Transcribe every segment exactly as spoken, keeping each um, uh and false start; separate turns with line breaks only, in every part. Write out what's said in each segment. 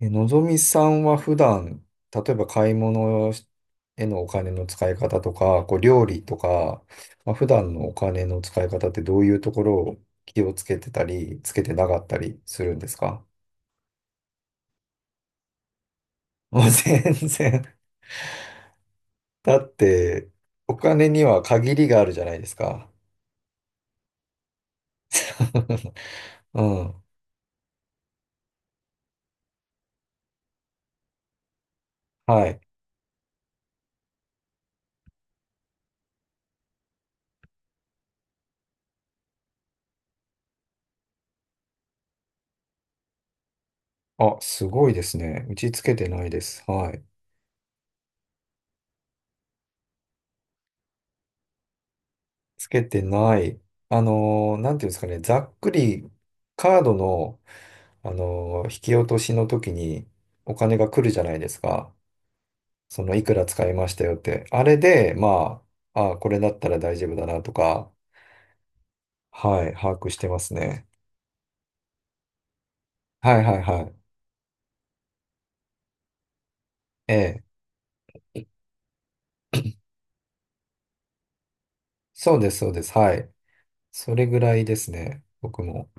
え、のぞみさんは普段、例えば買い物へのお金の使い方とか、こう料理とか、まあ、普段のお金の使い方ってどういうところを気をつけてたり、つけてなかったりするんですか？ もう全然。だって、お金には限りがあるじゃないですか。うん。はい。あ、すごいですね。打ちつけてないです。はい。つけてない。あのーなんていうんですかね、ざっくりカードの、あのー引き落としの時にお金が来るじゃないですか。その、いくら使いましたよって。あれで、まあ、あ、これだったら大丈夫だなとか、はい、把握してますね。はいはいはい。ええ。そうです、そうです。はい。それぐらいですね。僕も。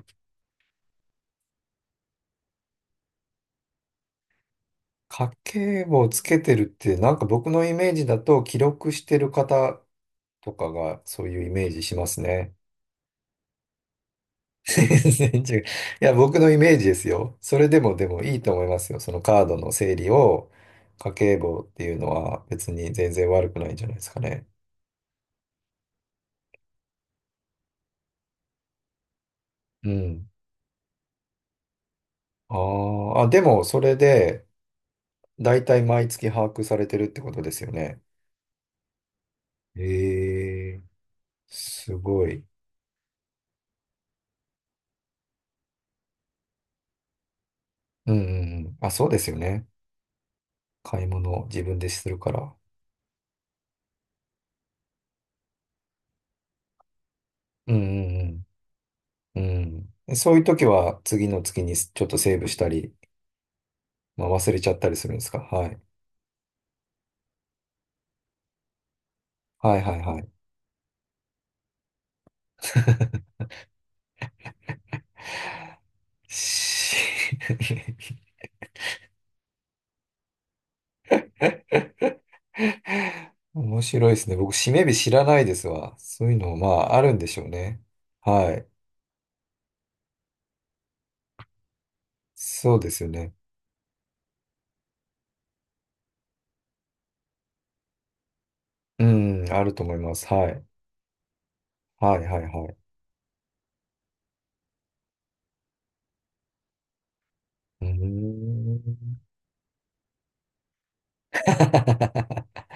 家計簿をつけてるって、なんか僕のイメージだと記録してる方とかがそういうイメージしますね。全然違う。いや、僕のイメージですよ。それでもでもいいと思いますよ。そのカードの整理を家計簿っていうのは別に全然悪くないんじゃないですかね。うん。あーあ、でもそれで大体毎月把握されてるってことですよね。ええ、すごい。うんうんうん。あ、そうですよね。買い物を自分でするから。うんうんうん。うん。そういう時は次の月にちょっとセーブしたり、まあ、忘れちゃったりするんですか？はい。はいはいはい。し 面白いですね。僕、締め日知らないですわ。そういうのも、まあ、あるんでしょうね。はい。そうですよね。うん、あると思います。はい。はい、はい、はい。うーん。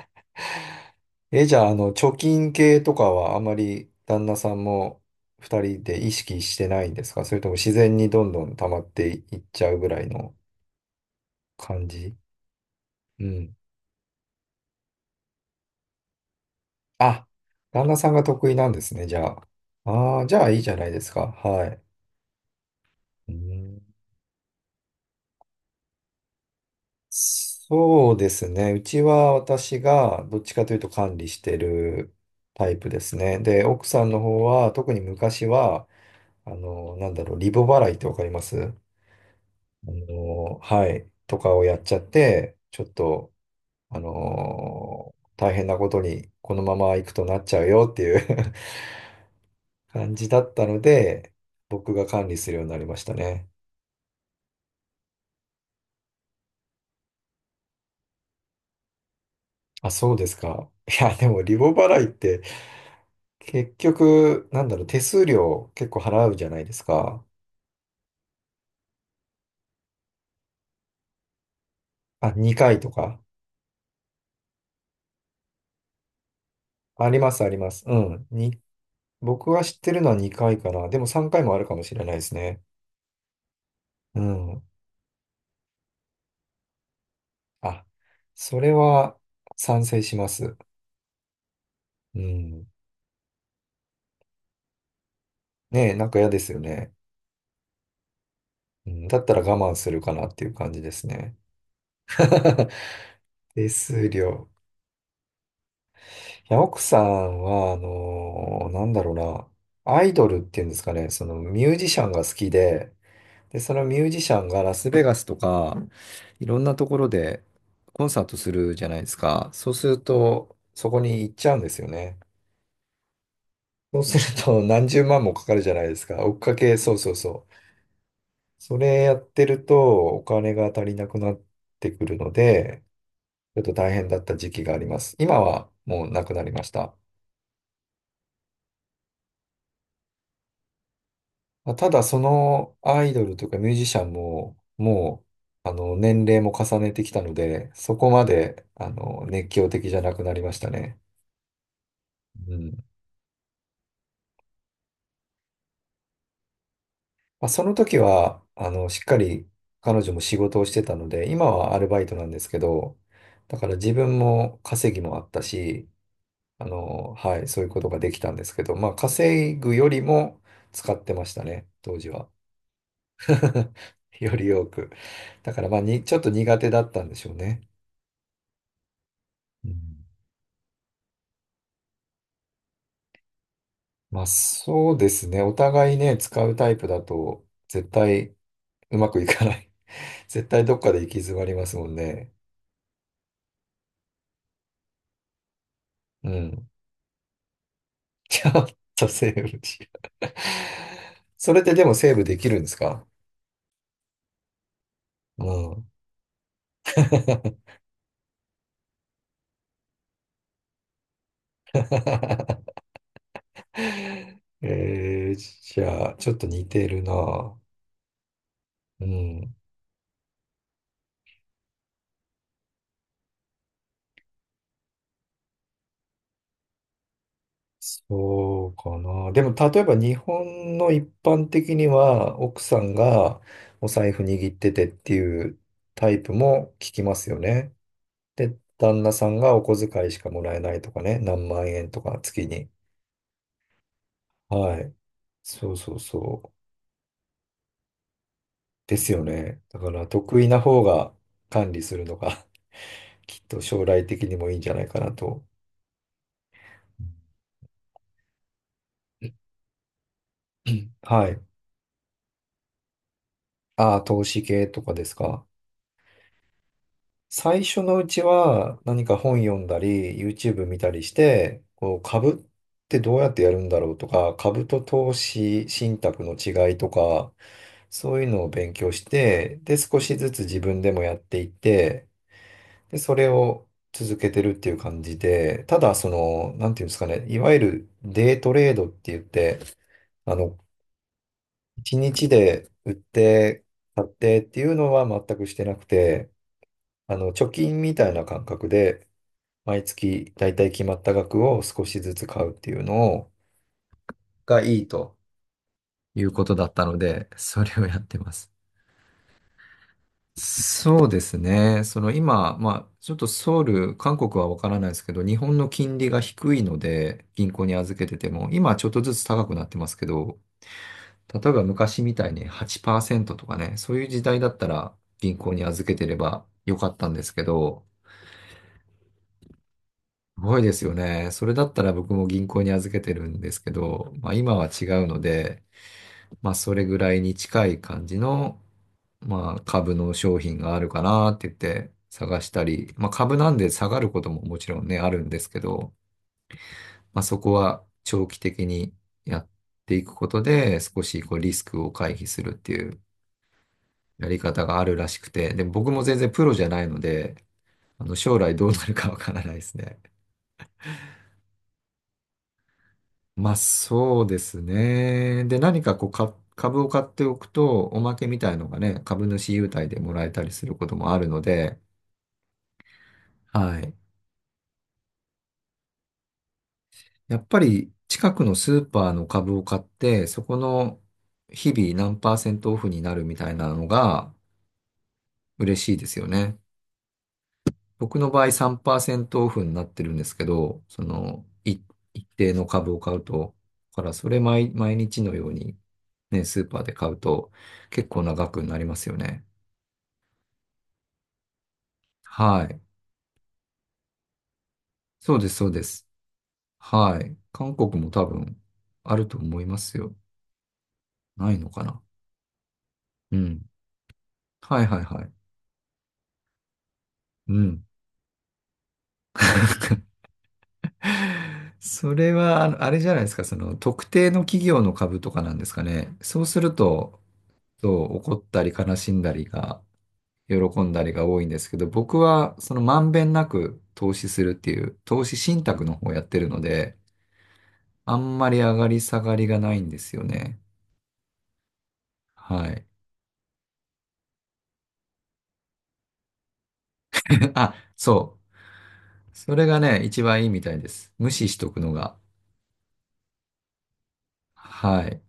え、じゃあ、あの、貯金系とかはあまり旦那さんも二人で意識してないんですか？それとも自然にどんどん溜まっていっちゃうぐらいの感じ？うん。あ、旦那さんが得意なんですね、じゃあ。ああ、じゃあいいじゃないですか。はい。うん、そうですね。うちは私がどっちかというと管理してるタイプですね。で、奥さんの方は特に昔は、あの、なんだろう、リボ払いってわかります？あの、はい、とかをやっちゃって、ちょっと、あの、大変なことにこのまま行くとなっちゃうよっていう 感じだったので、僕が管理するようになりましたね。あ、そうですか。いや、でもリボ払いって、結局、なんだろう、手数料結構払うじゃないですか。あ、にかいとか。あります、あります。うん。に、僕は知ってるのはにかいかな。でもさんかいもあるかもしれないですね。うん。あ、それは賛成します。うん。ねえ、なんか嫌ですよね。うん、だったら我慢するかなっていう感じですね。手数料。いや、奥さんは、あのーなんだろうな。アイドルっていうんですかね、そのミュージシャンが好きで、で、そのミュージシャンがラスベガスとか、いろんなところでコンサートするじゃないですか。そうすると、そこに行っちゃうんですよね。そうすると、何十万もかかるじゃないですか。追っかけ、そうそうそう。それやってると、お金が足りなくなってくるので、ちょっと大変だった時期があります。今はもうなくなりました。まあ、ただそのアイドルというかミュージシャンも、もう、あの、年齢も重ねてきたので、そこまで、あの、熱狂的じゃなくなりましたね。うん。まあ、その時は、あの、しっかり彼女も仕事をしてたので、今はアルバイトなんですけど、だから自分も稼ぎもあったし、あの、はい、そういうことができたんですけど、まあ、稼ぐよりも使ってましたね、当時は。より多く。だから、まあ、に、ちょっと苦手だったんでしょうね。うん、まあそうですね。お互いね、使うタイプだと、絶対うまくいかない。絶対どっかで行き詰まりますもんね。うん。ちょっとセーブしよう。それってでもセーブできるんですか？うん。えー、じゃあ、ちょっと似てるな。うん。そうかな。でも、例えば日本の一般的には、奥さんがお財布握っててっていうタイプも聞きますよね。で、旦那さんがお小遣いしかもらえないとかね、何万円とか月に。はい。そうそうそう。ですよね。だから得意な方が管理するのが きっと将来的にもいいんじゃないかなと。はい。ああ、投資系とかですか？最初のうちは何か本読んだり、YouTube 見たりして、こう株ってどうやってやるんだろうとか、株と投資信託の違いとか、そういうのを勉強して、で、少しずつ自分でもやっていって、で、それを続けてるっていう感じで、ただその、なんていうんですかね、いわゆるデイトレードって言って、あの、一日で売って、買ってっていうのは全くしてなくて、あの、貯金みたいな感覚で、毎月だいたい決まった額を少しずつ買うっていうのを、がいいということだったので、それをやってます。そうですね。その今、まあ、ちょっとソウル、韓国はわからないですけど、日本の金利が低いので、銀行に預けてても、今はちょっとずつ高くなってますけど、例えば昔みたいにはちパーセントとかね、そういう時代だったら銀行に預けてればよかったんですけど、すごいですよね。それだったら僕も銀行に預けてるんですけど、まあ今は違うので、まあ、それぐらいに近い感じの、まあ、株の商品があるかなって言って探したり、まあ、株なんで下がることももちろんね、あるんですけど、まあ、そこは長期的にやっていくことで、少しこうリスクを回避するっていうやり方があるらしくて、で、僕も全然プロじゃないので、あの、将来どうなるかわからないですね。まあ、そうですね。で、何かこう、か株を買っておくと、おまけみたいのがね、株主優待でもらえたりすることもあるので、はい。やっぱり近くのスーパーの株を買って、そこの日々何パーセントオフになるみたいなのが嬉しいですよね。僕の場合さんパーセントオフになってるんですけど、そのい一定の株を買うと、だからそれ毎、毎日のようにね、スーパーで買うと結構な額になりますよね。はい。そうです、そうです。はい。韓国も多分あると思いますよ。ないのかな。うん。はいはいはい。うん。それは、あのあれじゃないですか、その特定の企業の株とかなんですかね。そうすると、そう、怒ったり悲しんだりが、喜んだりが多いんですけど、僕はそのまんべんなく投資するっていう、投資信託の方をやってるので、あんまり上がり下がりがないんですよね。はい。あ、そう。それがね、一番いいみたいです。無視しとくのが。はい。